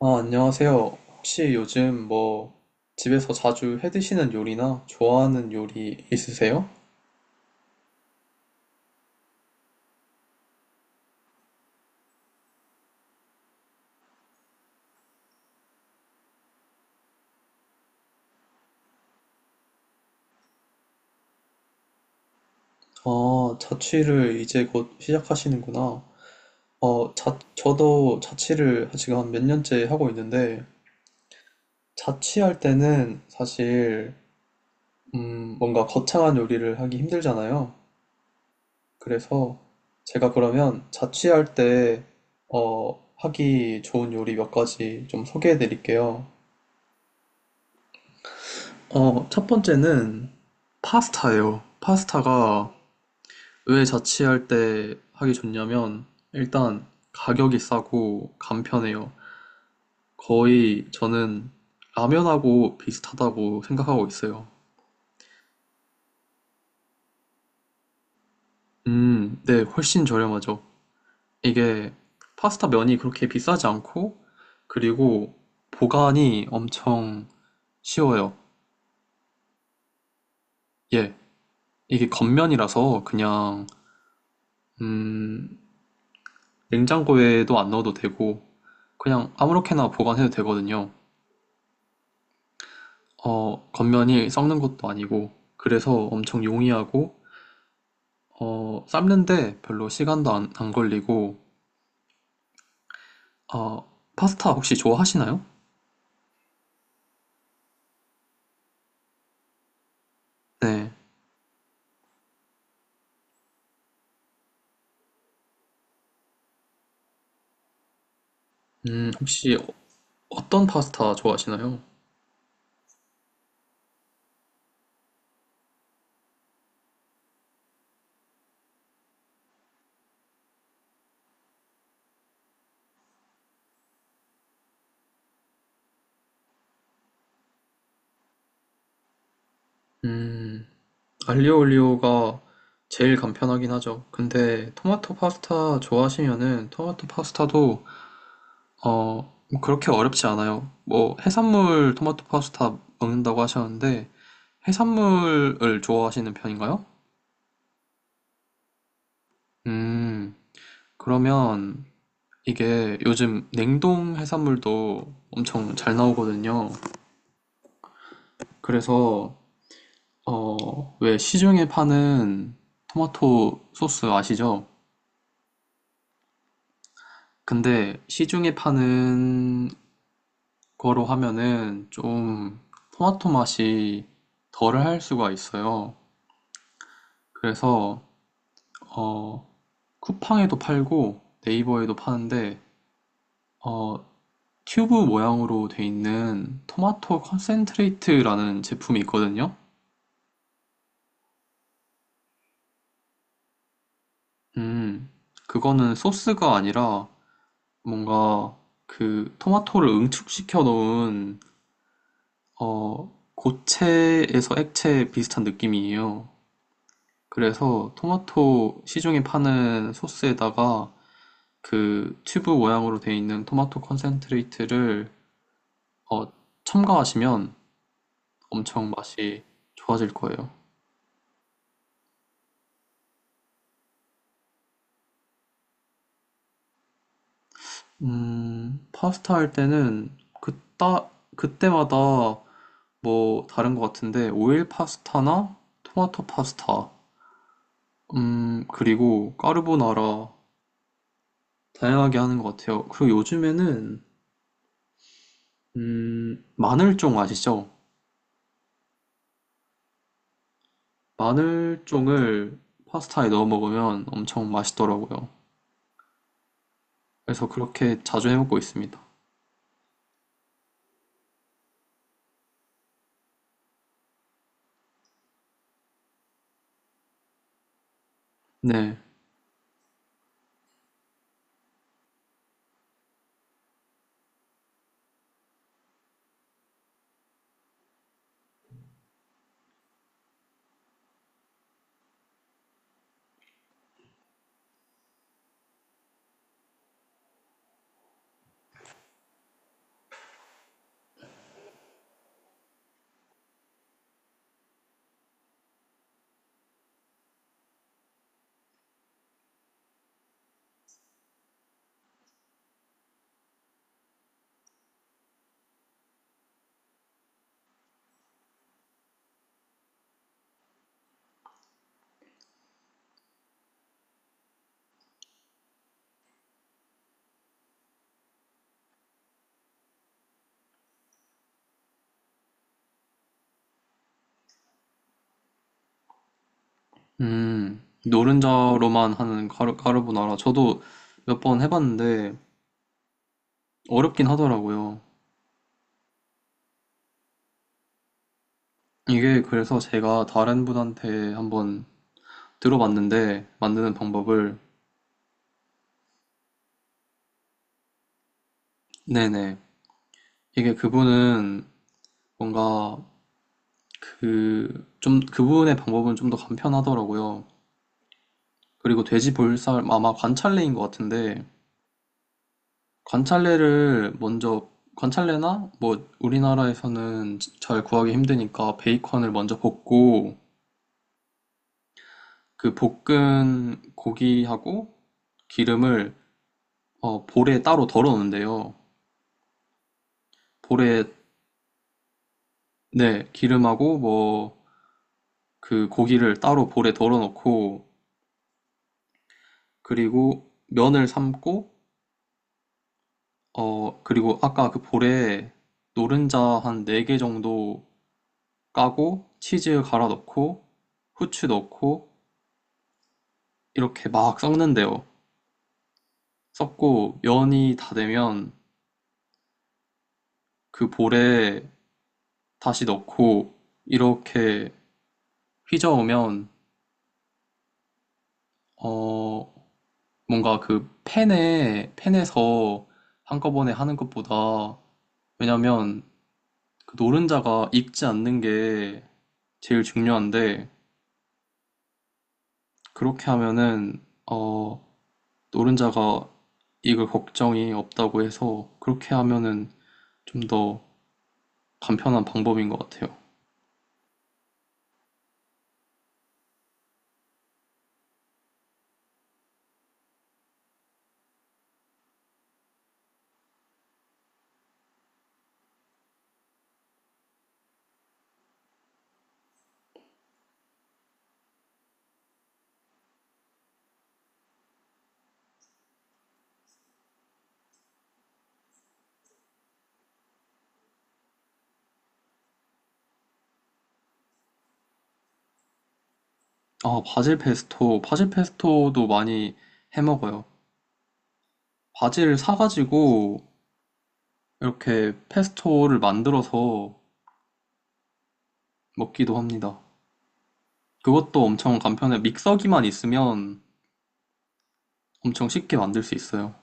아, 안녕하세요. 혹시 요즘 뭐 집에서 자주 해 드시는 요리나 좋아하는 요리 있으세요? 아, 자취를 이제 곧 시작하시는구나. 저도 자취를 지금 한 몇 년째 하고 있는데, 자취할 때는 사실, 뭔가 거창한 요리를 하기 힘들잖아요. 그래서 제가 그러면 자취할 때, 하기 좋은 요리 몇 가지 좀 소개해 드릴게요. 어, 첫 번째는 파스타예요. 파스타가 왜 자취할 때 하기 좋냐면 일단 가격이 싸고 간편해요. 거의 저는 라면하고 비슷하다고 생각하고 있어요. 네, 훨씬 저렴하죠. 이게 파스타 면이 그렇게 비싸지 않고 그리고 보관이 엄청 쉬워요. 예, 이게 겉면이라서 그냥 음, 냉장고에도 안 넣어도 되고 그냥 아무렇게나 보관해도 되거든요. 어, 겉면이 썩는 것도 아니고, 그래서 엄청 용이하고, 삶는데 별로 시간도 안 걸리고, 어, 파스타 혹시 좋아하시나요? 네. 혹시 어떤 파스타 좋아하시나요? 음, 알리오 올리오가 제일 간편하긴 하죠. 근데 토마토 파스타 좋아하시면은 토마토 파스타도 어, 뭐 그렇게 어렵지 않아요. 뭐 해산물 토마토 파스타 먹는다고 하셨는데 해산물을 좋아하시는 편인가요? 음, 그러면 이게 요즘 냉동 해산물도 엄청 잘 나오거든요. 그래서, 어, 왜 시중에 파는 토마토 소스 아시죠? 근데 시중에 파는 거로 하면은 좀 토마토 맛이 덜할 수가 있어요. 그래서, 어, 쿠팡에도 팔고 네이버에도 파는데, 어, 튜브 모양으로 돼 있는 토마토 컨센트레이트라는 제품이 있거든요. 음, 그거는 소스가 아니라 뭔가 그 토마토를 응축시켜 놓은, 고체에서 액체 비슷한 느낌이에요. 그래서 토마토 시중에 파는 소스에다가 그 튜브 모양으로 돼 있는 토마토 컨센트레이트를 어, 첨가하시면 엄청 맛이 좋아질 거예요. 파스타 할 때는 그따, 그때마다 뭐 다른 것 같은데 오일 파스타나 토마토 파스타, 그리고 까르보나라 다양하게 하는 것 같아요. 그리고 요즘에는 마늘쫑 아시죠? 마늘쫑을 파스타에 넣어 먹으면 엄청 맛있더라고요. 그래서 그렇게 자주 해 먹고 있습니다. 네, 노른자로만 하는 까르보나라 저도 몇 번 해봤는데 어렵긴 하더라고요. 이게 그래서 제가 다른 분한테 한번 들어봤는데 만드는 방법을. 네네, 이게 그분은 뭔가 그 좀 그분의 방법은 좀 더 간편하더라고요. 그리고 돼지 볼살 아, 아마 관찰레인 것 같은데 관찰레를 먼저, 관찰레나 뭐 우리나라에서는 잘 구하기 힘드니까 베이컨을 먼저 볶고 그 볶은 고기하고 기름을 볼에 따로 덜어 놓는데요. 볼에, 네, 기름하고 뭐 그 고기를 따로 볼에 덜어놓고 그리고 면을 삶고 그리고 아까 그 볼에 노른자 한 4개 정도 까고 치즈 갈아 넣고 후추 넣고 이렇게 막 섞는데요. 섞고 면이 다 되면 그 볼에 다시 넣고 이렇게 휘저으면, 어 뭔가 그 팬에서 한꺼번에 하는 것보다, 왜냐면 그 노른자가 익지 않는 게 제일 중요한데 그렇게 하면은 어 노른자가 익을 걱정이 없다고 해서 그렇게 하면은 좀 더 간편한 방법인 것 같아요. 바질 페스토도 많이 해 먹어요. 바질을 사가지고 이렇게 페스토를 만들어서 먹기도 합니다. 그것도 엄청 간편해. 믹서기만 있으면 엄청 쉽게 만들 수 있어요.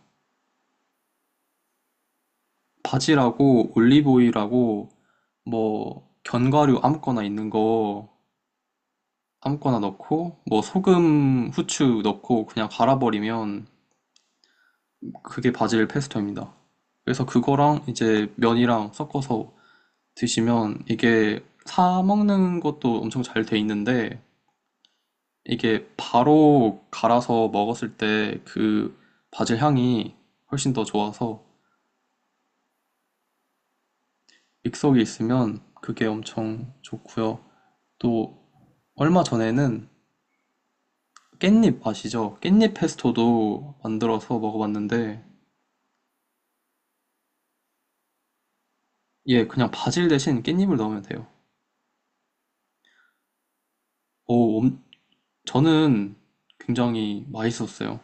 바질하고 올리브오일하고 뭐 견과류 아무거나 있는 거 아무거나 넣고 뭐 소금, 후추 넣고 그냥 갈아버리면 그게 바질 페스토입니다. 그래서 그거랑 이제 면이랑 섞어서 드시면 이게 사 먹는 것도 엄청 잘 돼 있는데 이게 바로 갈아서 먹었을 때 그 바질 향이 훨씬 더 좋아서 믹서기에 있으면 그게 엄청 좋고요. 또 얼마 전에는 깻잎 아시죠? 깻잎 페스토도 만들어서 먹어봤는데, 예, 그냥 바질 대신 깻잎을 넣으면 돼요. 오, 엄- 저는 굉장히 맛있었어요.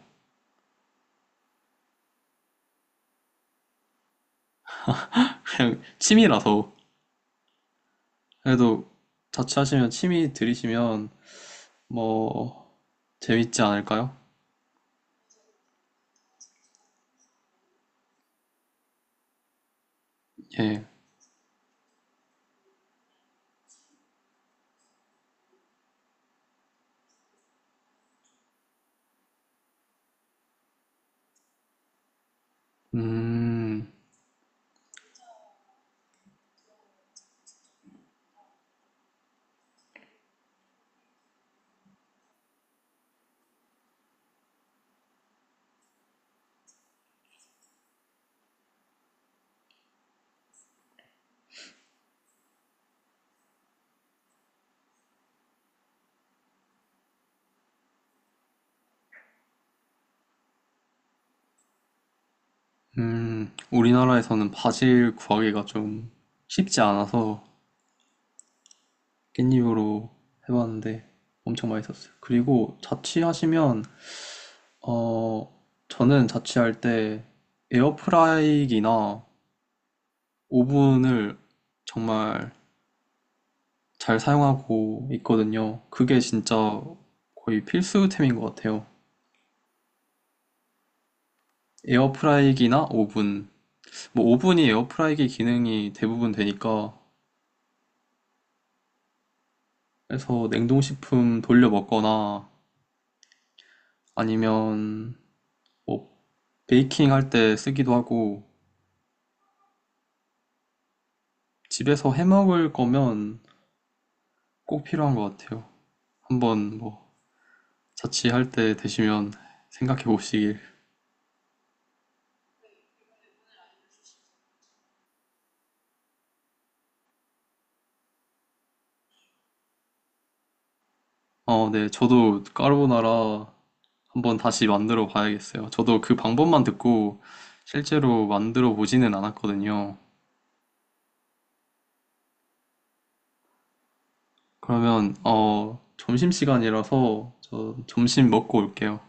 그냥 취미라서. 그래도 자취하시면 취미 들이시면 뭐 재밌지 않을까요? 예. 음, 우리나라에서는 바질 구하기가 좀 쉽지 않아서 깻잎으로 해봤는데 엄청 맛있었어요. 그리고 자취하시면 어, 저는 자취할 때 에어프라이기나 오븐을 정말 잘 사용하고 있거든요. 그게 진짜 거의 필수템인 것 같아요. 에어프라이기나 오븐. 뭐 오븐이 에어프라이기 기능이 대부분 되니까 그래서 냉동식품 돌려 먹거나 아니면 뭐 베이킹 할 때 쓰기도 하고 집에서 해 먹을 거면 꼭 필요한 것 같아요. 한번 뭐 자취할 때 되시면 생각해 보시길. 어, 네. 저도 까르보나라 한번 다시 만들어 봐야겠어요. 저도 그 방법만 듣고 실제로 만들어 보지는 않았거든요. 그러면, 어, 점심시간이라서 저 점심 먹고 올게요.